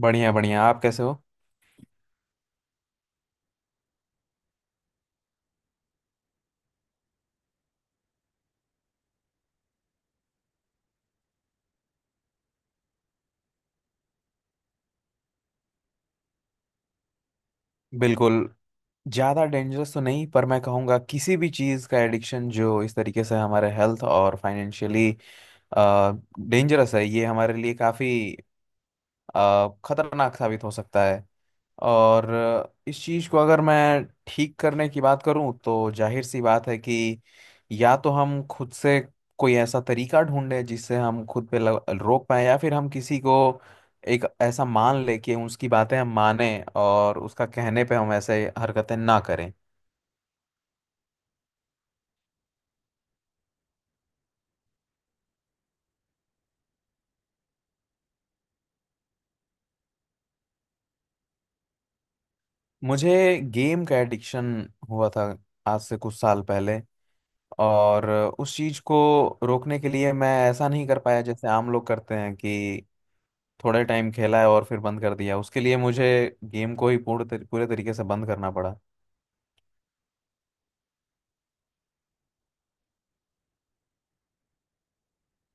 बढ़िया बढ़िया। आप कैसे हो। बिल्कुल। ज़्यादा डेंजरस तो नहीं, पर मैं कहूँगा किसी भी चीज़ का एडिक्शन जो इस तरीके से हमारे हेल्थ और फाइनेंशियली डेंजरस है, ये हमारे लिए काफ़ी खतरनाक साबित हो सकता है। और इस चीज़ को अगर मैं ठीक करने की बात करूं तो जाहिर सी बात है कि या तो हम खुद से कोई ऐसा तरीका ढूंढें जिससे हम खुद पे रोक पाए, या फिर हम किसी को एक ऐसा मान ले कि उसकी बातें हम माने और उसका कहने पे हम ऐसे हरकतें ना करें। मुझे गेम का एडिक्शन हुआ था आज से कुछ साल पहले। और उस चीज को रोकने के लिए मैं ऐसा नहीं कर पाया जैसे आम लोग करते हैं कि थोड़े टाइम खेला है और फिर बंद कर दिया। उसके लिए मुझे गेम को ही पूरे तरीके से बंद करना पड़ा।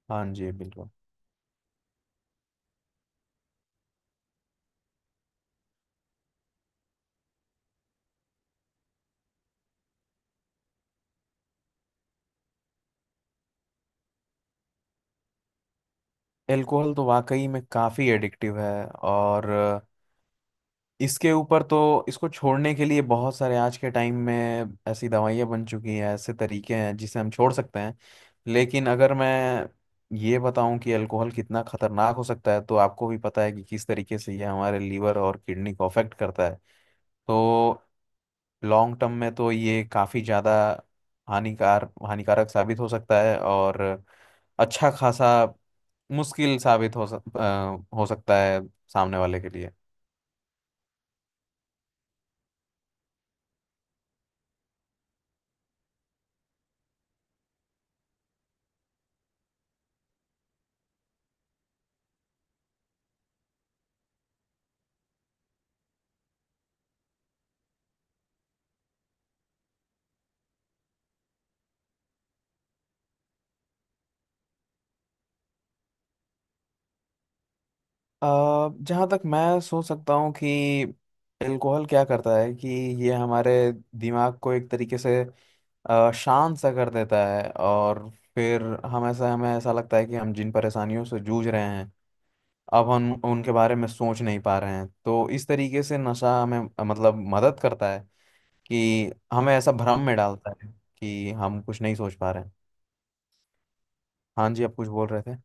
हाँ जी, बिल्कुल। एल्कोहल तो वाकई में काफ़ी एडिक्टिव है। और इसके ऊपर तो इसको छोड़ने के लिए बहुत सारे आज के टाइम में ऐसी दवाइयाँ बन चुकी हैं, ऐसे तरीके हैं जिसे हम छोड़ सकते हैं। लेकिन अगर मैं ये बताऊं कि अल्कोहल कितना खतरनाक हो सकता है, तो आपको भी पता है कि किस तरीके से ये हमारे लीवर और किडनी को अफेक्ट करता है। तो लॉन्ग टर्म में तो ये काफ़ी ज़्यादा हानिकारक साबित हो सकता है। और अच्छा खासा मुश्किल साबित हो हो सकता है सामने वाले के लिए। अ, जहाँ तक मैं सोच सकता हूँ कि एल्कोहल क्या करता है कि ये हमारे दिमाग को एक तरीके से शांत सा कर देता है। और फिर हम ऐसा हमें ऐसा लगता है कि हम जिन परेशानियों से जूझ रहे हैं अब हम उनके बारे में सोच नहीं पा रहे हैं। तो इस तरीके से नशा हमें मतलब मदद करता है कि हमें ऐसा भ्रम में डालता है कि हम कुछ नहीं सोच पा रहे हैं। हाँ जी, आप कुछ बोल रहे थे।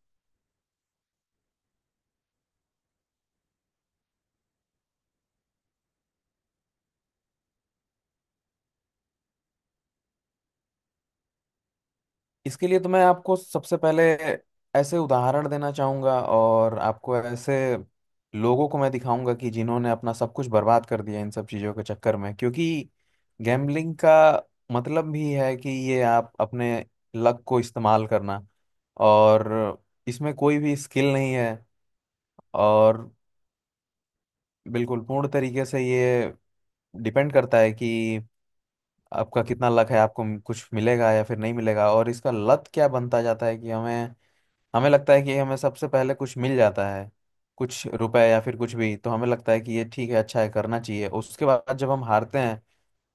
इसके लिए तो मैं आपको सबसे पहले ऐसे उदाहरण देना चाहूँगा और आपको ऐसे लोगों को मैं दिखाऊंगा कि जिन्होंने अपना सब कुछ बर्बाद कर दिया इन सब चीज़ों के चक्कर में। क्योंकि गैम्बलिंग का मतलब भी है कि ये आप अपने लक को इस्तेमाल करना, और इसमें कोई भी स्किल नहीं है। और बिल्कुल पूर्ण तरीके से ये डिपेंड करता है कि आपका कितना लक है, आपको कुछ मिलेगा या फिर नहीं मिलेगा। और इसका लत क्या बनता जाता है कि हमें हमें लगता है कि हमें सबसे पहले कुछ मिल जाता है, कुछ रुपए या फिर कुछ भी, तो हमें लगता है कि ये ठीक है, अच्छा है, करना चाहिए। उसके बाद जब हम हारते हैं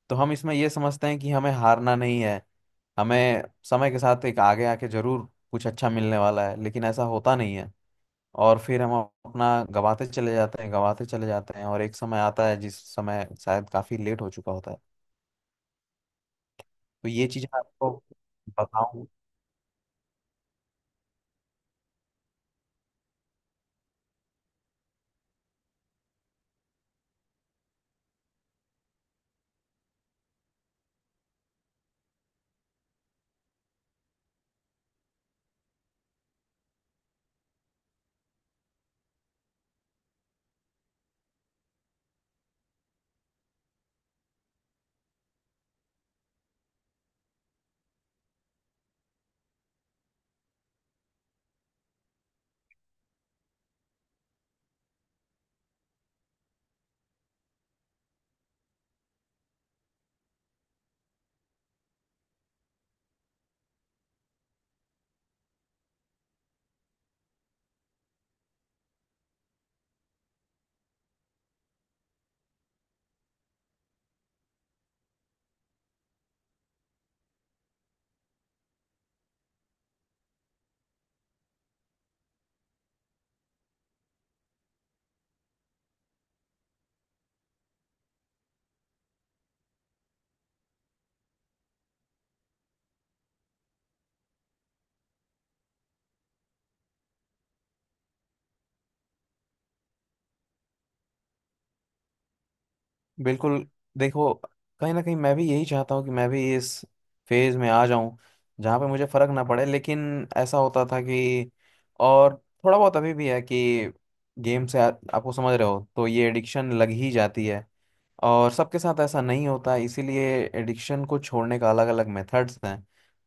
तो हम इसमें ये समझते हैं कि हमें हारना नहीं है, हमें समय के साथ एक आगे आके जरूर कुछ अच्छा मिलने वाला है, लेकिन ऐसा होता नहीं है। और फिर हम अपना गवाते चले जाते हैं, गवाते चले जाते हैं, और एक समय आता है जिस समय शायद काफी लेट हो चुका होता है। तो ये चीज मैं आपको बताऊं। बिल्कुल। देखो, कहीं ना कहीं मैं भी यही चाहता हूँ कि मैं भी इस फेज में आ जाऊं जहाँ पे मुझे फर्क ना पड़े। लेकिन ऐसा होता था कि और थोड़ा बहुत अभी भी है कि गेम से आपको समझ रहे हो, तो ये एडिक्शन लग ही जाती है। और सबके साथ ऐसा नहीं होता, इसीलिए एडिक्शन को छोड़ने का अलग अलग मेथड्स हैं।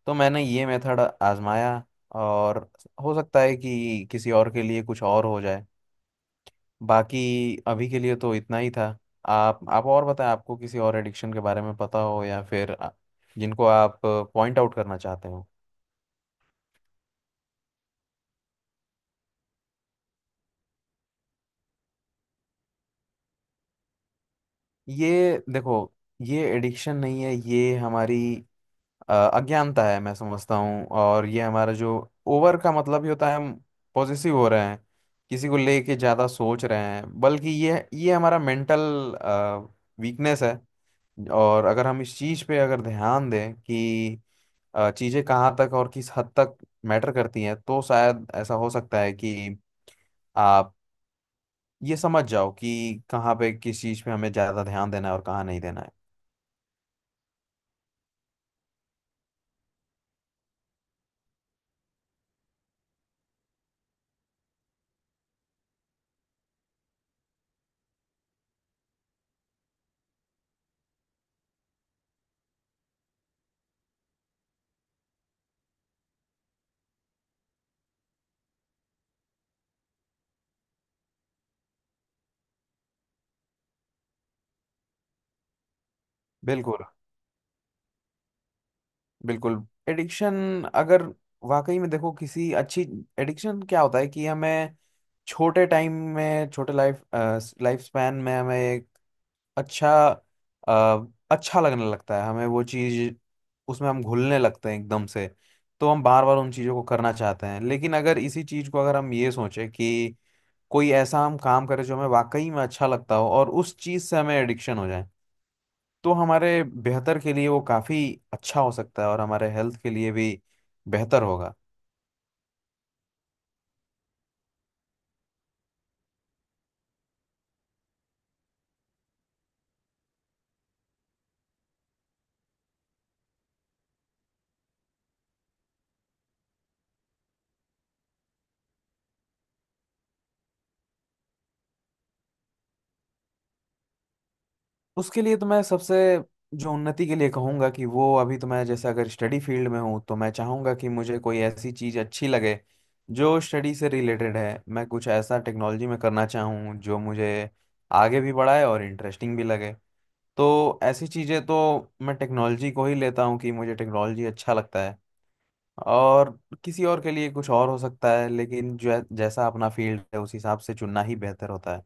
तो मैंने ये मेथड आजमाया, और हो सकता है कि किसी और के लिए कुछ और हो जाए। बाकी अभी के लिए तो इतना ही था। आप और बताएं, आपको किसी और एडिक्शन के बारे में पता हो या फिर जिनको आप पॉइंट आउट करना चाहते हो। ये देखो, ये एडिक्शन नहीं है, ये हमारी अज्ञानता है, मैं समझता हूँ। और ये हमारा जो ओवर का मतलब ही होता है, हम पॉसेसिव हो रहे हैं, किसी को लेके ज़्यादा सोच रहे हैं, बल्कि ये हमारा मेंटल वीकनेस है। और अगर हम इस चीज़ पे अगर ध्यान दें कि चीज़ें कहाँ तक और किस हद तक मैटर करती हैं, तो शायद ऐसा हो सकता है कि आप ये समझ जाओ कि कहाँ पे किस चीज़ पे हमें ज़्यादा ध्यान देना है और कहाँ नहीं देना है। बिल्कुल, बिल्कुल। एडिक्शन अगर वाकई में देखो किसी अच्छी, एडिक्शन क्या होता है कि हमें छोटे टाइम में छोटे लाइफ लाइफ स्पैन में हमें अच्छा अच्छा लगने लगता है, हमें वो चीज़ उसमें हम घुलने लगते हैं एकदम से। तो हम बार बार उन चीज़ों को करना चाहते हैं। लेकिन अगर इसी चीज़ को अगर हम ये सोचें कि कोई ऐसा हम काम करें जो हमें वाकई में अच्छा लगता हो, और उस चीज़ से हमें एडिक्शन हो जाए, तो हमारे बेहतर के लिए वो काफ़ी अच्छा हो सकता है और हमारे हेल्थ के लिए भी बेहतर होगा। उसके लिए तो मैं सबसे, जो उन्नति के लिए कहूँगा कि वो अभी तो मैं जैसे अगर स्टडी फील्ड में हूँ तो मैं चाहूँगा कि मुझे कोई ऐसी चीज़ अच्छी लगे जो स्टडी से रिलेटेड है। मैं कुछ ऐसा टेक्नोलॉजी में करना चाहूँ जो मुझे आगे भी बढ़ाए और इंटरेस्टिंग भी लगे। तो ऐसी चीज़ें तो मैं टेक्नोलॉजी को ही लेता हूँ कि मुझे टेक्नोलॉजी अच्छा लगता है। और किसी और के लिए कुछ और हो सकता है, लेकिन जो जैसा अपना फील्ड है उस हिसाब से चुनना ही बेहतर होता है।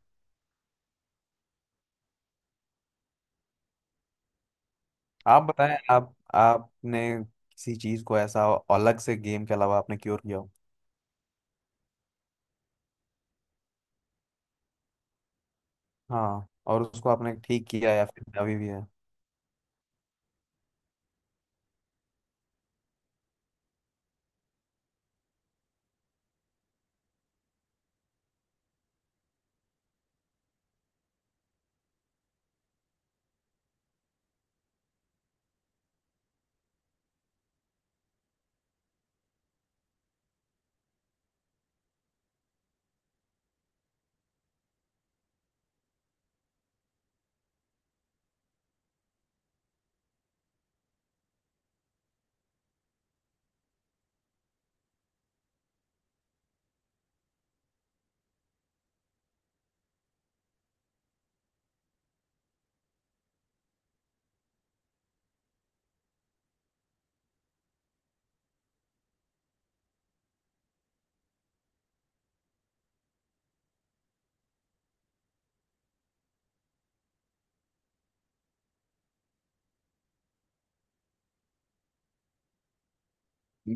आप बताएं, आप आपने किसी चीज को ऐसा अलग से गेम के अलावा आपने क्योर किया हो। हाँ, और उसको आपने ठीक किया या फिर अभी भी है।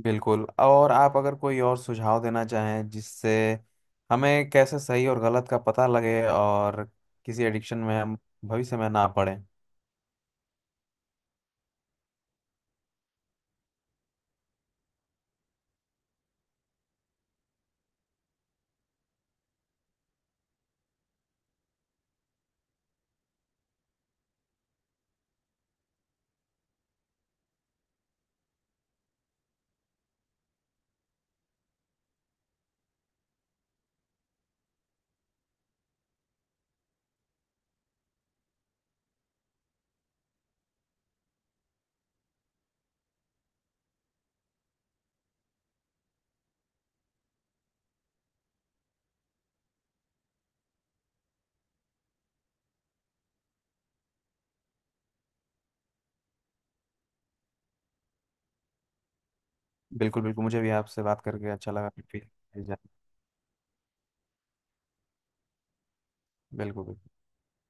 बिल्कुल। और आप अगर कोई और सुझाव देना चाहें जिससे हमें कैसे सही और गलत का पता लगे और किसी एडिक्शन में हम भविष्य में ना पड़े। बिल्कुल, बिल्कुल, मुझे भी आपसे बात करके अच्छा लगा। बिल्कुल बिल्कुल।